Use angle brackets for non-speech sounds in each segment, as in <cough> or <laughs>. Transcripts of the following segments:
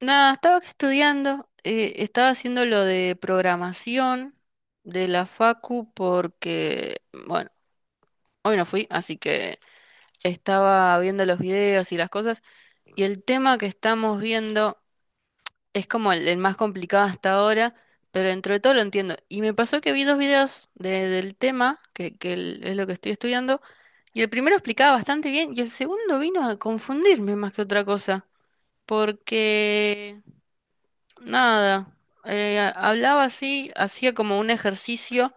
Nada, estaba acá estudiando, estaba haciendo lo de programación de la Facu porque, bueno, hoy no fui, así que estaba viendo los videos y las cosas, y el tema que estamos viendo es como el más complicado hasta ahora, pero dentro de todo lo entiendo. Y me pasó que vi dos videos del tema, que es lo que estoy estudiando, y el primero explicaba bastante bien, y el segundo vino a confundirme más que otra cosa, porque... Nada, hablaba así, hacía como un ejercicio,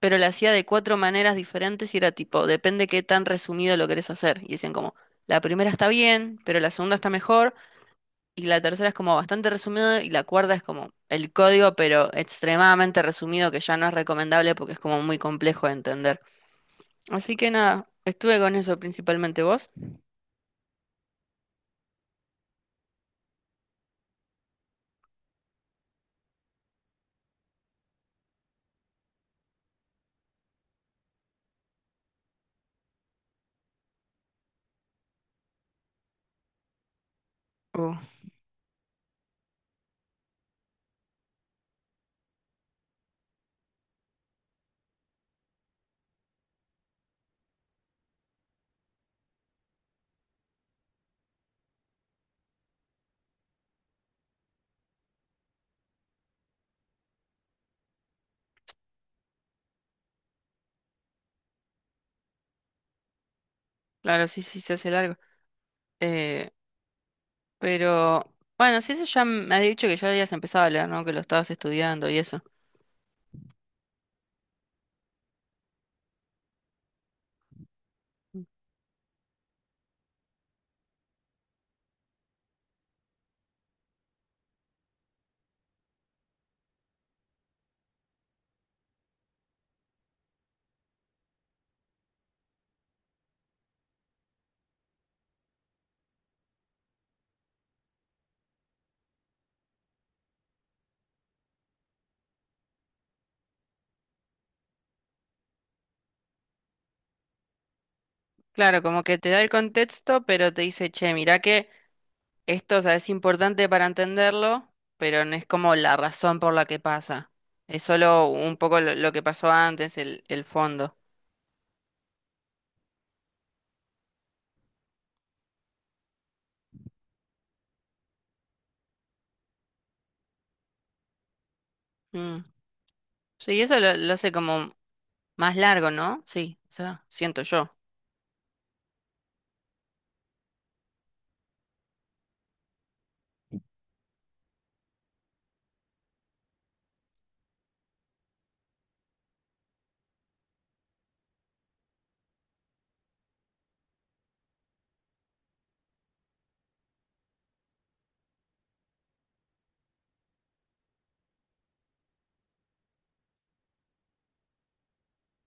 pero lo hacía de cuatro maneras diferentes y era tipo, depende qué tan resumido lo querés hacer. Y decían como, la primera está bien, pero la segunda está mejor, y la tercera es como bastante resumido, y la cuarta es como el código, pero extremadamente resumido, que ya no es recomendable porque es como muy complejo de entender. Así que nada, estuve con eso principalmente vos. Uh, claro, sí, sí, se hace largo. Eh, Pero, bueno, sí, eso ya me has dicho que ya habías empezado a leer, ¿no? Que lo estabas estudiando y eso. Claro, como que te da el contexto, pero te dice, che, mirá que esto, o sea, es importante para entenderlo, pero no es como la razón por la que pasa. Es solo un poco lo que pasó antes, el fondo. Mm. Sí, eso lo hace como más largo, ¿no? Sí, o sea, siento yo.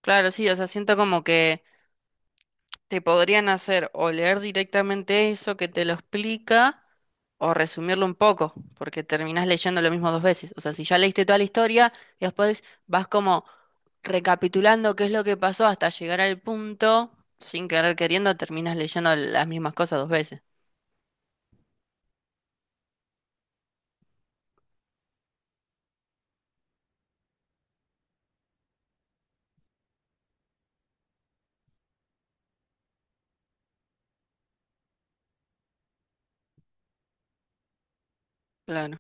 Claro, sí, o sea, siento como que te podrían hacer o leer directamente eso que te lo explica o resumirlo un poco, porque terminás leyendo lo mismo dos veces. O sea, si ya leíste toda la historia y después vas como recapitulando qué es lo que pasó hasta llegar al punto, sin querer queriendo, terminas leyendo las mismas cosas dos veces. Claro,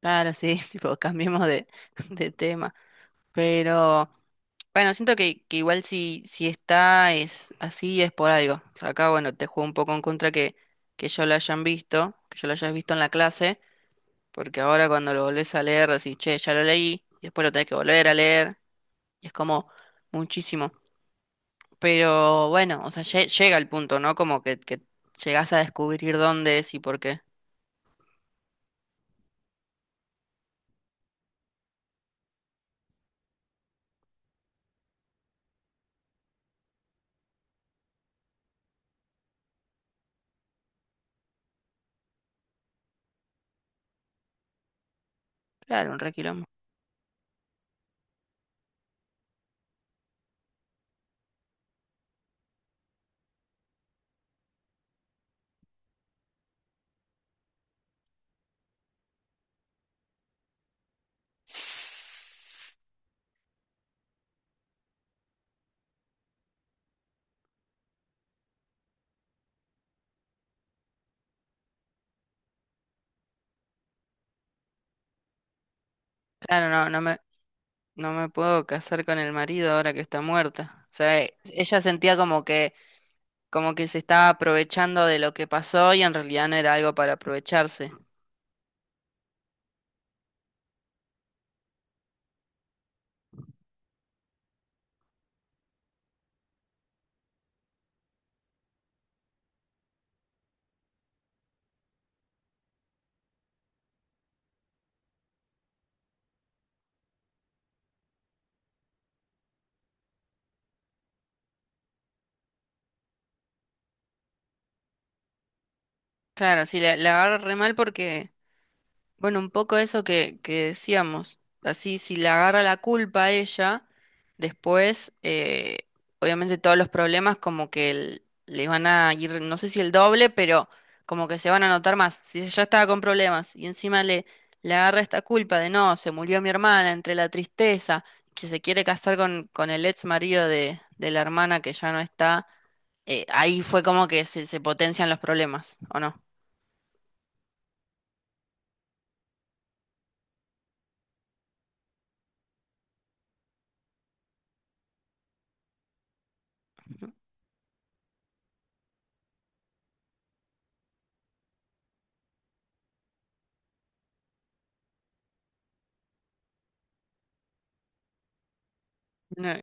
claro, sí, <laughs> tipo, cambiemos de tema. Pero... Bueno, siento que igual si está es así es por algo. O sea, acá, bueno, te juego un poco en contra que yo lo hayan visto, que yo lo hayas visto en la clase, porque ahora cuando lo volvés a leer decís, che, ya lo leí, y después lo tenés que volver a leer, y es como muchísimo. Pero bueno, o sea, llega el punto, ¿no? Como que llegás a descubrir dónde es y por qué. Claro, un re quilombo. Claro, no me puedo casar con el marido ahora que está muerta. O sea, ella sentía como que se estaba aprovechando de lo que pasó y en realidad no era algo para aprovecharse. Claro, sí, le agarro re mal porque bueno, un poco eso que decíamos. Así, si le agarra la culpa a ella, después, obviamente todos los problemas como que le van a ir, no sé si el doble, pero como que se van a notar más. Si ella ya estaba con problemas y encima le, le agarra esta culpa de no, se murió mi hermana, entre la tristeza, que se quiere casar con el ex marido de la hermana que ya no está, ahí fue como que se potencian los problemas, ¿o no? No,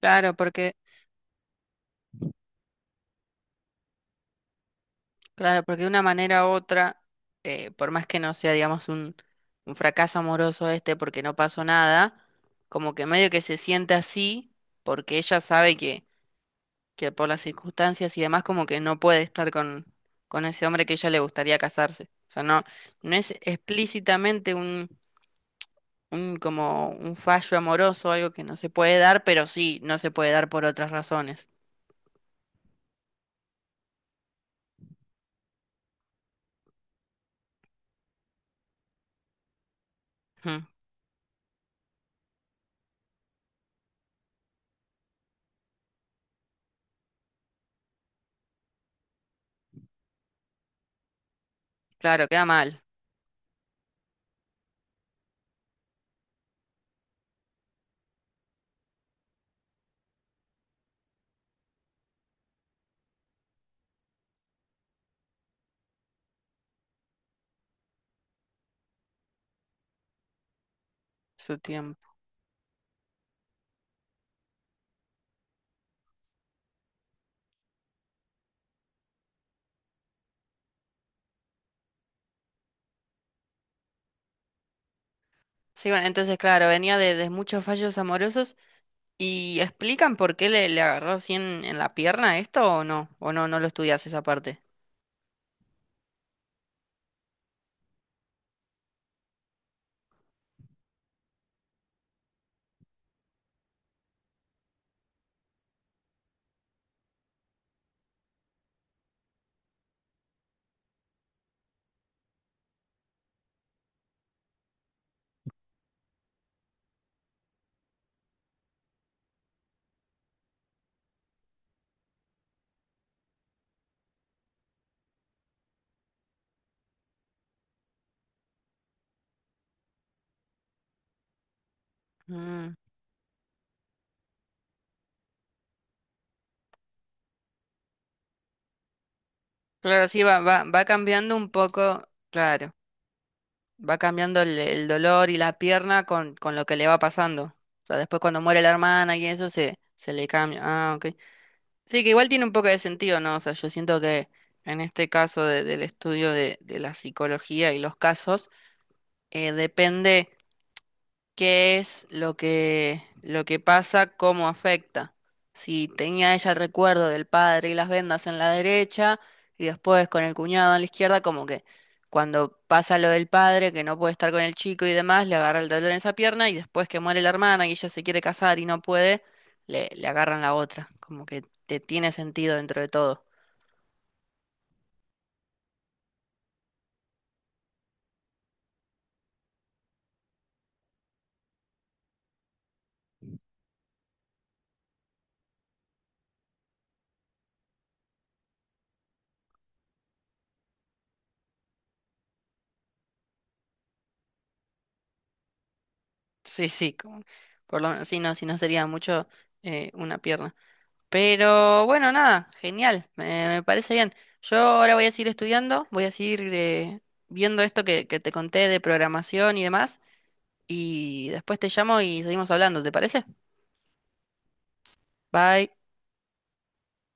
claro, porque claro, porque de una manera u otra, por más que no sea, digamos, un fracaso amoroso este porque no pasó nada, como que medio que se siente así porque ella sabe que por las circunstancias y demás como que no puede estar con ese hombre que ella le gustaría casarse. O sea, no, no es explícitamente un como un fallo amoroso, algo que no se puede dar, pero sí no se puede dar por otras razones. Ujú. Claro, queda mal su tiempo. Sí, bueno, entonces, claro, venía de muchos fallos amorosos. ¿Y explican por qué le agarró así en la pierna esto o no? ¿O no, no lo estudias esa parte? Mm, claro, sí, va cambiando un poco, claro, va cambiando el dolor y la pierna con lo que le va pasando. O sea, después cuando muere la hermana y eso se le cambia. Ah, ok. Sí, que igual tiene un poco de sentido, ¿no? O sea, yo siento que en este caso del estudio de la psicología y los casos, depende qué es lo que pasa, cómo afecta. Si tenía ella el recuerdo del padre y las vendas en la derecha, y después con el cuñado en la izquierda, como que cuando pasa lo del padre, que no puede estar con el chico y demás, le agarra el dolor en esa pierna, y después que muere la hermana y ella se quiere casar y no puede, le agarran la otra. Como que te tiene sentido dentro de todo. Sí, sí, como- por lo menos, si no, si no sería mucho una pierna. Pero bueno, nada, genial, me parece bien. Yo ahora voy a seguir estudiando, voy a seguir viendo esto que te conté de programación y demás, y después te llamo y seguimos hablando, ¿te parece? Bye.